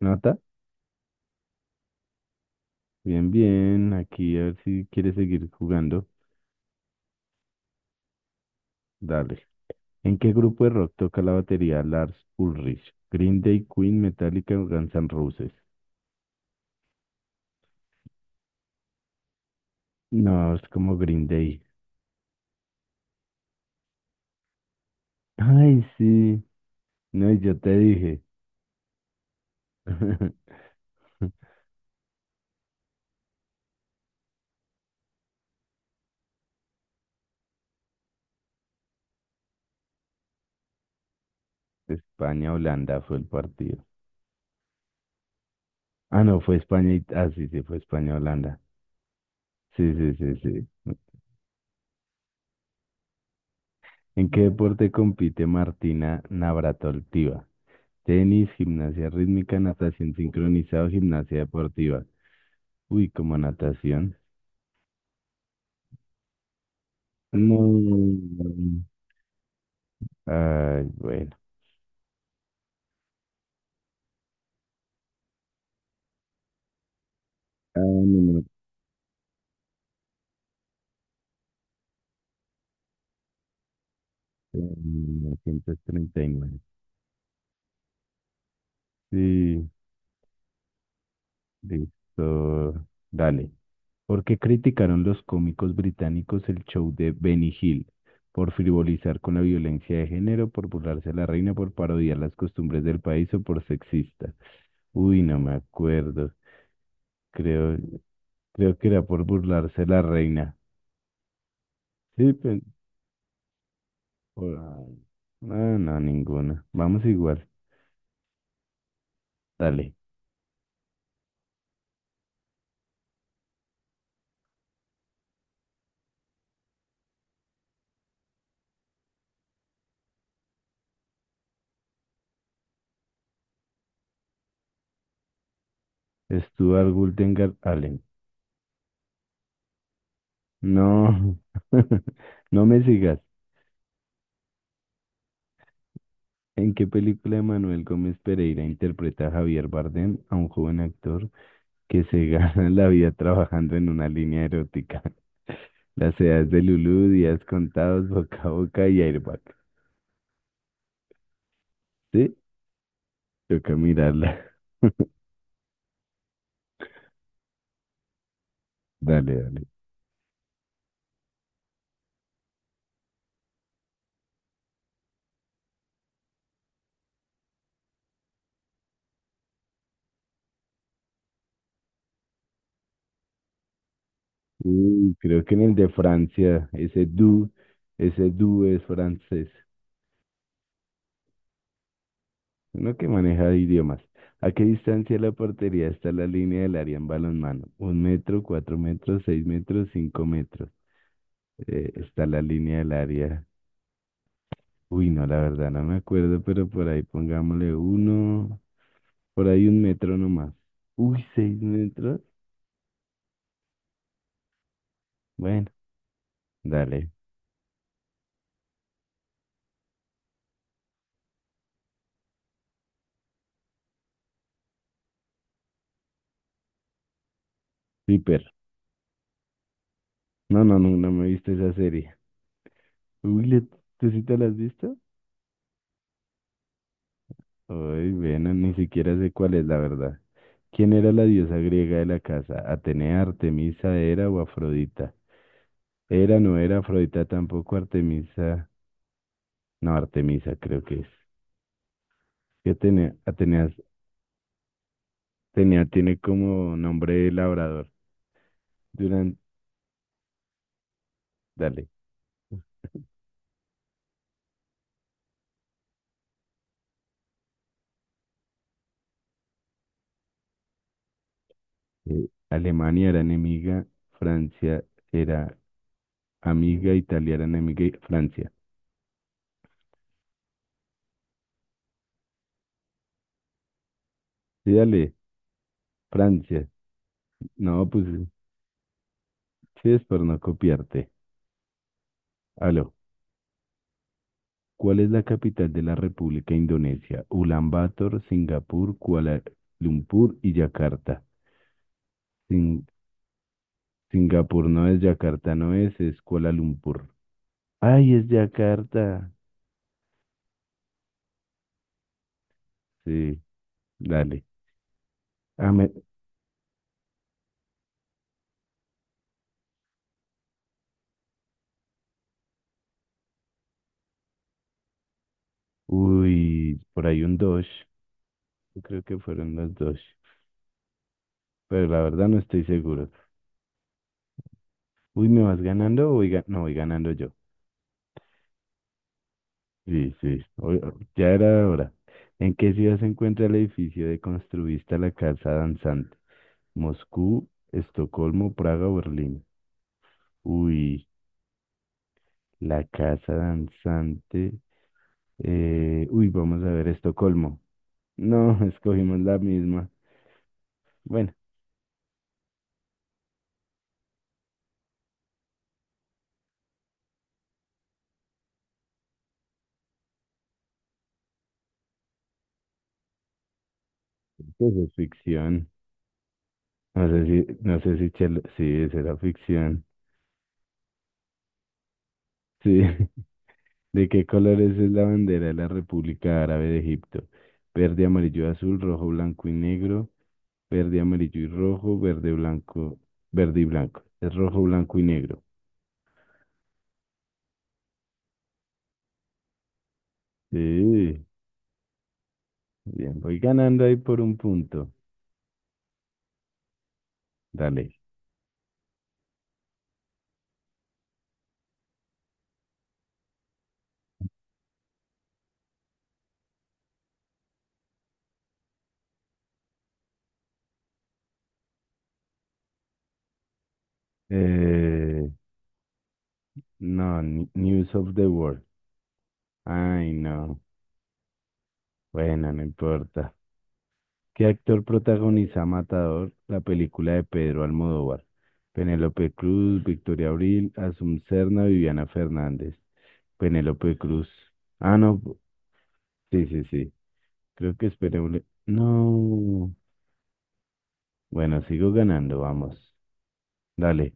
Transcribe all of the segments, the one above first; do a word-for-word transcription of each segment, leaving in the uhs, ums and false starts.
¿Nota? Bien, bien. Aquí a ver si quieres seguir jugando. Dale. ¿En qué grupo de rock toca la batería Lars Ulrich? Green Day, Queen, Metallica o Guns N' Roses. No, es como Green Day. Ay, sí. No, y yo te dije. España-Holanda fue el partido. Ah, no, fue España y... Ah, sí, sí, fue España-Holanda. Sí, sí, sí, sí. ¿En qué deporte compite Martina Navratilova? Tenis, gimnasia rítmica, natación sincronizada, o gimnasia deportiva. Uy, como natación. No. Ay, bueno. Ah, minuto nueve treinta y nueve. Sí, listo. Dale. ¿Por qué criticaron los cómicos británicos el show de Benny Hill? Por frivolizar con la violencia de género, por burlarse de la reina, por parodiar las costumbres del país o por sexista. Uy, no me acuerdo. Creo, creo que era por burlarse de la reina. Sí, pe- Bueno, no, no, ninguna. Vamos igual. Dale. Stuart Guldengar Allen. No. No me sigas. ¿En qué película de Manuel Gómez Pereira interpreta a Javier Bardem, a un joven actor que se gana la vida trabajando en una línea erótica? Las edades de Lulú, días contados, boca a boca y airbag. ¿Sí? Toca mirarla. Dale, dale. Uy, creo que en el de Francia, ese du, ese du es francés. Uno que maneja idiomas. ¿A qué distancia de la portería está la línea del área en balonmano? Un metro, cuatro metros, seis metros, cinco metros. Eh, está la línea del área. Uy, no, la verdad no me acuerdo, pero por ahí pongámosle uno, por ahí un metro nomás. Uy, seis metros. Bueno, dale. Viper. No, no, no, no me he visto esa serie. Uy, ¿le- ¿tú sí te la has visto? Uy, bueno, ni siquiera sé cuál es la verdad. ¿Quién era la diosa griega de la casa? ¿Atenea, Artemisa, Hera o Afrodita? Hera no era Afrodita tampoco, Artemisa. No, Artemisa creo que es. ¿Qué Atenea? Atenea, Atenea tiene como nombre de labrador. Durante, dale. Eh, Alemania era enemiga, Francia era amiga, Italia era enemiga y Francia. Sí, dale, Francia. No, pues sí sí es por no copiarte. Aló. ¿Cuál es la capital de la República Indonesia? Ulaanbaatar, Singapur, Kuala Lumpur y Yakarta. Sin- Singapur no es, Yakarta no es, es Kuala Lumpur. ¡Ay, es Yakarta! Sí, dale. Ah, me- Uy, por ahí un dos. Yo creo que fueron los dos. Pero la verdad no estoy seguro. Uy, ¿me vas ganando o voy ga- no voy ganando yo? Sí, sí, o- o- ya era hora. ¿En qué ciudad se encuentra el edificio de Construvista la Casa Danzante? Moscú, Estocolmo, Praga, o Berlín. Uy, la casa danzante. eh, uy, vamos a ver Estocolmo. No, escogimos la misma. Bueno, pues es ficción. No sé si, no sé si Chelo- sí, esa era ficción. Sí. ¿De qué colores es la bandera de la República Árabe de Egipto? Verde, amarillo, azul, rojo, blanco y negro. Verde, amarillo y rojo, verde, blanco, verde y blanco. Es rojo, blanco y negro. Sí. Bien, voy ganando ahí por un punto. Dale. Eh, no, ni- News of the World. Ay, no. Bueno, no importa. ¿Qué actor protagoniza Matador, la película de Pedro Almodóvar? Penélope Cruz, Victoria Abril, Asum Serna, Viviana Fernández. Penélope Cruz. Ah, no. Sí, sí, sí. Creo que esperé no. Bueno, sigo ganando, vamos. Dale.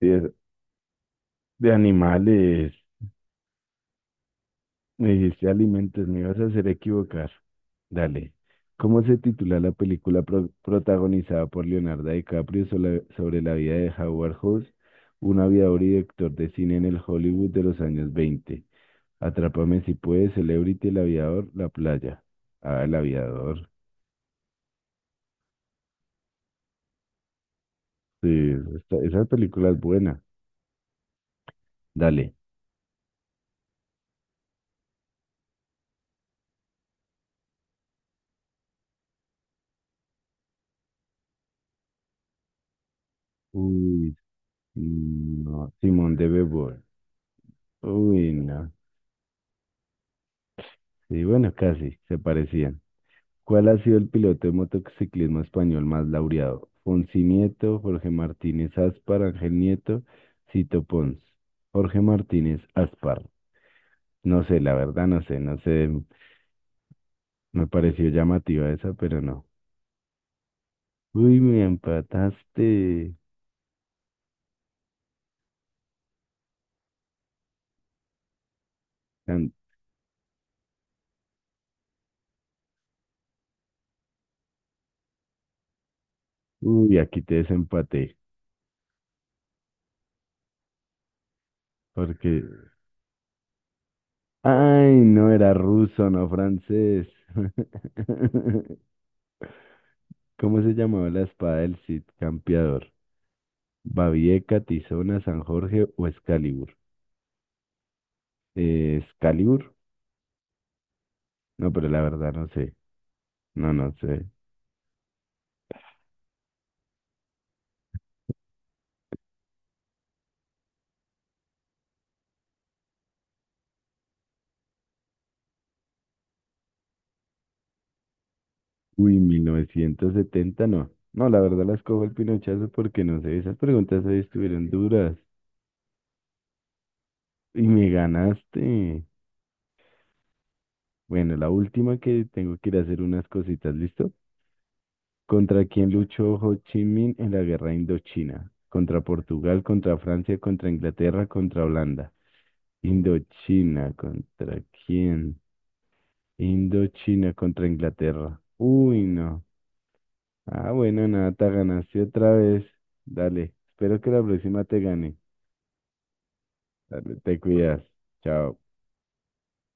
De, de animales. Me dijiste alimentos, me ibas a hacer equivocar. Dale. ¿Cómo se titula la película pro- protagonizada por Leonardo DiCaprio sola- sobre la vida de Howard Hughes, un aviador y director de cine en el Hollywood de los años veinte? Atrápame si puedes, Celebrity, El aviador, La playa. Ah, El aviador. Sí, esa, esa película es buena. Dale. Uy, no, Simón de Beauvoir. Uy, no. Sí, bueno, casi, se parecían. ¿Cuál ha sido el piloto de motociclismo español más laureado? Fonsi Nieto, Jorge Martínez Aspar, Ángel Nieto, Cito Pons. Jorge Martínez Aspar. No sé, la verdad no sé, no sé. Me pareció llamativa esa, pero no. Uy, me empataste. Tan- Uy, aquí te desempaté. Porque. Ay, no era ruso, no francés. ¿Cómo se llamaba la espada del Cid Campeador? Babieca, Tizona, San Jorge o Excalibur. Eh, Excalibur, no, pero la verdad no sé. No, no sé. Uy, mil novecientos setenta, no. No, la verdad las cojo el pinochazo porque no sé. Esas preguntas ahí estuvieron duras. Y me ganaste. Bueno, la última que tengo que ir a hacer unas cositas, ¿listo? ¿Contra quién luchó Ho Chi Minh en la guerra Indochina? Contra Portugal, contra Francia, contra Inglaterra, contra Holanda. Indochina, ¿contra quién? Indochina contra Inglaterra. Uy, no. Ah, bueno, nada, te ganaste otra vez. Dale, espero que la próxima te gane. Dale, te cuidas. Chao.